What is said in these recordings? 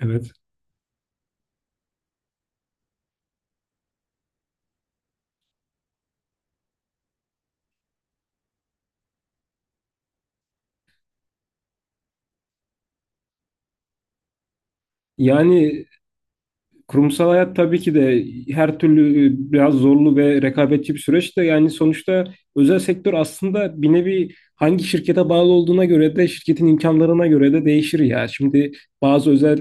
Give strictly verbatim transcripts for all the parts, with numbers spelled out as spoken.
Evet. Yani kurumsal hayat tabii ki de her türlü e, biraz zorlu ve rekabetçi bir süreç de yani sonuçta özel sektör aslında bir nevi hangi şirkete bağlı olduğuna göre de şirketin imkanlarına göre de değişir ya. Şimdi bazı özel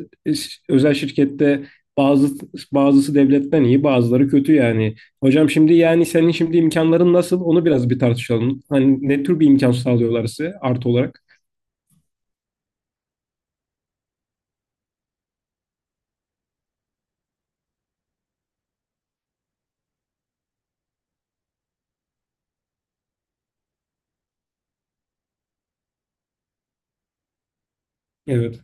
özel şirkette bazı bazısı devletten iyi, bazıları kötü yani. Hocam şimdi yani senin şimdi imkanların nasıl? Onu biraz bir tartışalım. Hani ne tür bir imkan sağlıyorlar size artı olarak? Evet.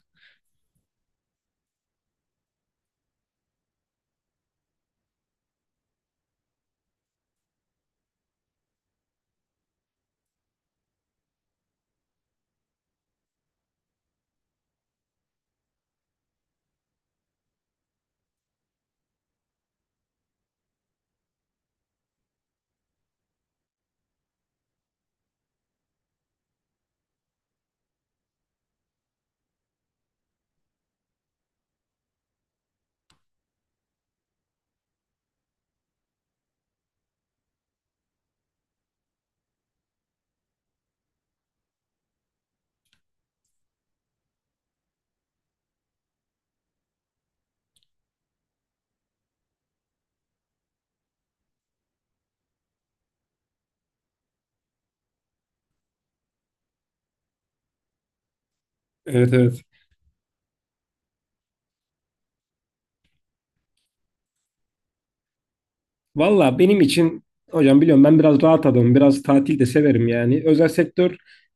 Evet, evet. Valla benim için hocam biliyorum ben biraz rahat adamım. Biraz tatil de severim yani. Özel sektör,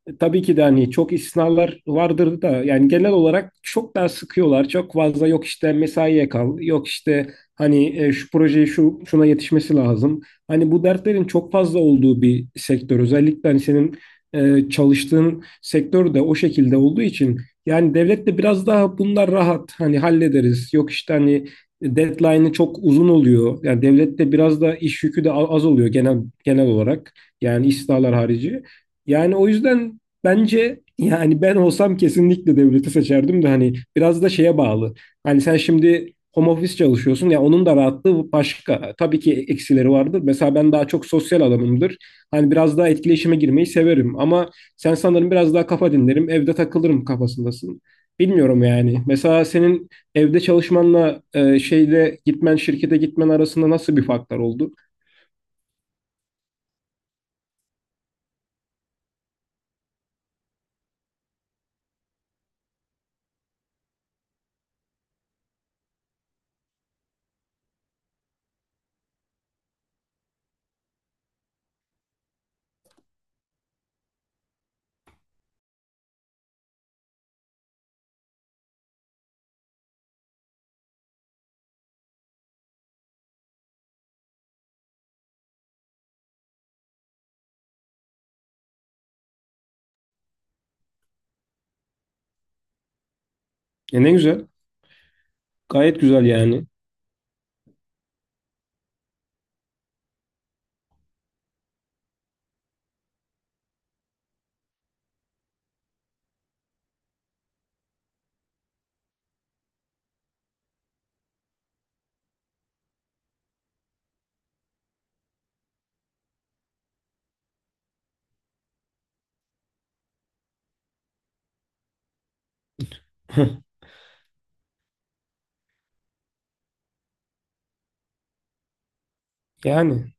e, tabii ki de hani çok istisnalar vardır da yani genel olarak çok daha sıkıyorlar. Çok fazla yok işte mesaiye kal. Yok işte hani e, şu projeyi şu şuna yetişmesi lazım. Hani bu dertlerin çok fazla olduğu bir sektör. Özellikle hani senin e, çalıştığın sektör de o şekilde olduğu için yani devlet de biraz daha bunlar rahat, hani hallederiz. Yok işte hani deadline'ı çok uzun oluyor. Yani devlette biraz da iş yükü de az oluyor genel genel olarak. Yani istihdamlar harici. Yani o yüzden bence yani ben olsam kesinlikle devleti seçerdim de hani biraz da şeye bağlı. Hani sen şimdi home office çalışıyorsun ya, onun da rahatlığı başka. Tabii ki eksileri vardır. Mesela ben daha çok sosyal adamımdır. Hani biraz daha etkileşime girmeyi severim ama sen sanırım biraz daha kafa dinlerim, evde takılırım kafasındasın. Bilmiyorum yani. Mesela senin evde çalışmanla e, şeyde gitmen, şirkete gitmen arasında nasıl bir farklar oldu? E ne güzel. Gayet güzel yani. Yani.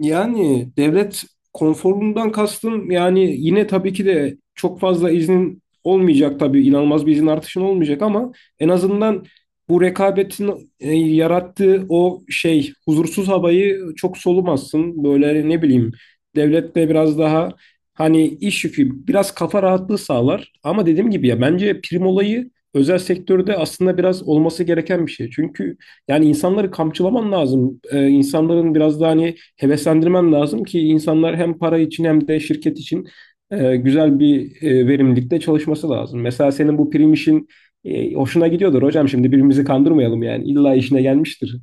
Yani devlet konforundan kastım yani yine tabii ki de çok fazla iznin olmayacak, tabii inanılmaz bir izin artışın olmayacak ama en azından bu rekabetin e, yarattığı o şey huzursuz havayı çok solumazsın. Böyle hani, ne bileyim, devlette biraz daha hani iş yükü biraz kafa rahatlığı sağlar ama dediğim gibi ya bence prim olayı özel sektörde aslında biraz olması gereken bir şey. Çünkü yani insanları kamçılaman lazım. Ee, insanların biraz daha hani heveslendirmen lazım ki insanlar hem para için hem de şirket için e, güzel bir e, verimlilikte çalışması lazım. Mesela senin bu prim işin e, hoşuna gidiyordur hocam. Şimdi birbirimizi kandırmayalım yani. İlla işine gelmiştir.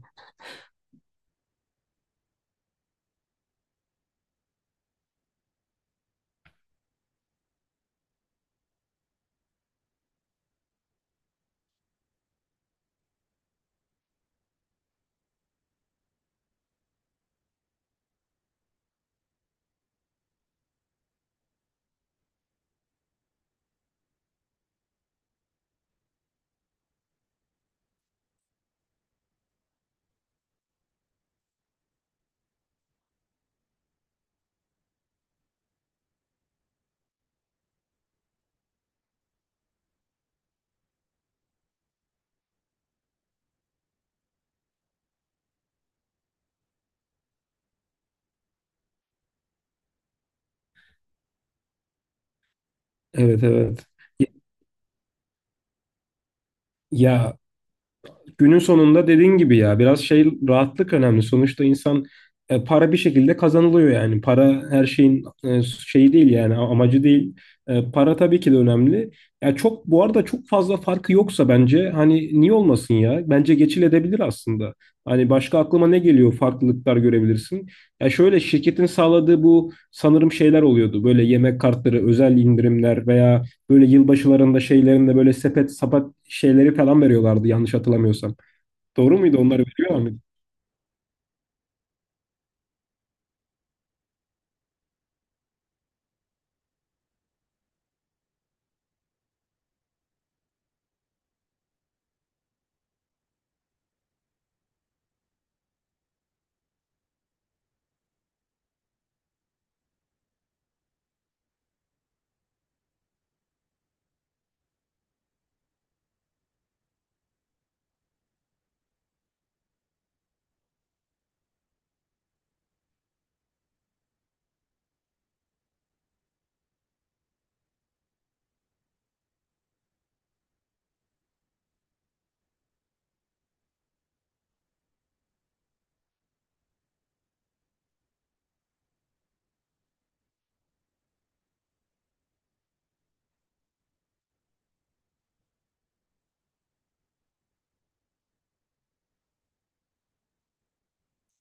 Evet, evet. Ya günün sonunda dediğin gibi ya biraz şey rahatlık önemli. Sonuçta insan, e, para bir şekilde kazanılıyor yani. Para her şeyin e, şeyi değil yani a- amacı değil. E, para tabii ki de önemli. Ya çok bu arada çok fazla farkı yoksa bence hani niye olmasın ya? Bence geçilebilir aslında. Hani başka aklıma ne geliyor, farklılıklar görebilirsin. Ya şöyle, şirketin sağladığı bu sanırım şeyler oluyordu. Böyle yemek kartları, özel indirimler veya böyle yılbaşılarında şeylerinde böyle sepet sapat şeyleri falan veriyorlardı, yanlış hatırlamıyorsam. Doğru muydu? Onları veriyorlar mıydı?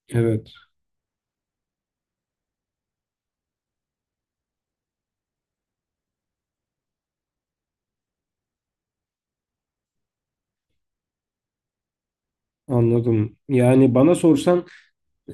Evet, anladım. Yani bana sorsan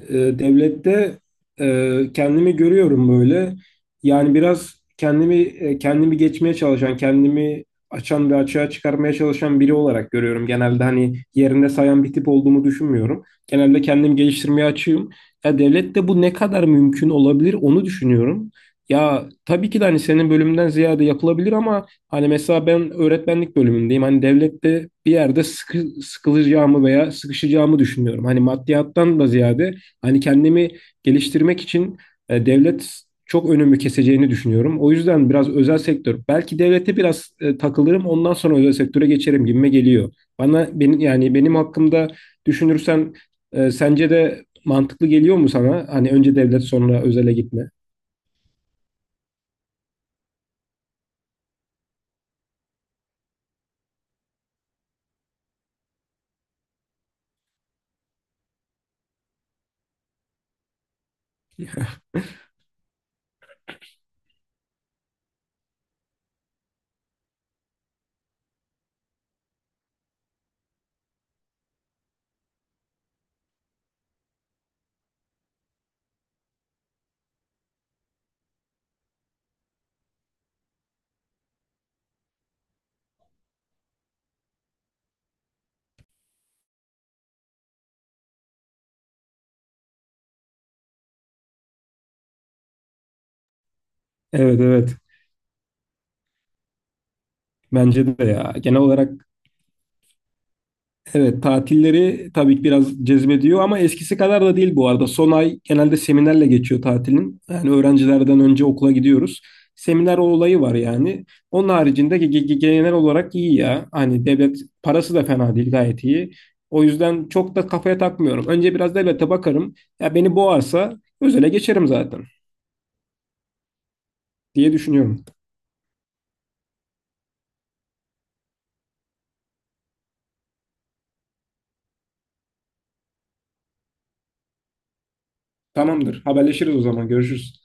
e, devlette e, kendimi görüyorum böyle. Yani biraz kendimi e, kendimi geçmeye çalışan, kendimi açan ve açığa çıkarmaya çalışan biri olarak görüyorum. Genelde hani yerinde sayan bir tip olduğumu düşünmüyorum. Genelde kendimi geliştirmeye açığım. Ya devlette bu ne kadar mümkün olabilir onu düşünüyorum. Ya tabii ki de hani senin bölümünden ziyade yapılabilir ama hani mesela ben öğretmenlik bölümündeyim. Hani devlette bir yerde sıkı, sıkılacağımı veya sıkışacağımı düşünüyorum. Hani maddiyattan da ziyade hani kendimi geliştirmek için e, devlet çok önümü keseceğini düşünüyorum. O yüzden biraz özel sektör, belki devlete biraz e, takılırım, ondan sonra özel sektöre geçerim gibime geliyor. Bana benim yani benim hakkımda düşünürsen e, sence de mantıklı geliyor mu sana? Hani önce devlet sonra özele gitme. Evet, evet. Bence de ya. Genel olarak evet, tatilleri tabii ki biraz cezbediyor ama eskisi kadar da değil bu arada. Son ay genelde seminerle geçiyor tatilin. Yani öğrencilerden önce okula gidiyoruz. Seminer olayı var yani. Onun haricinde ge- ge- genel olarak iyi ya. Hani devlet parası da fena değil, gayet iyi. O yüzden çok da kafaya takmıyorum. Önce biraz devlete bakarım. Ya beni boğarsa özele geçerim zaten diye düşünüyorum. Tamamdır. Haberleşiriz o zaman. Görüşürüz.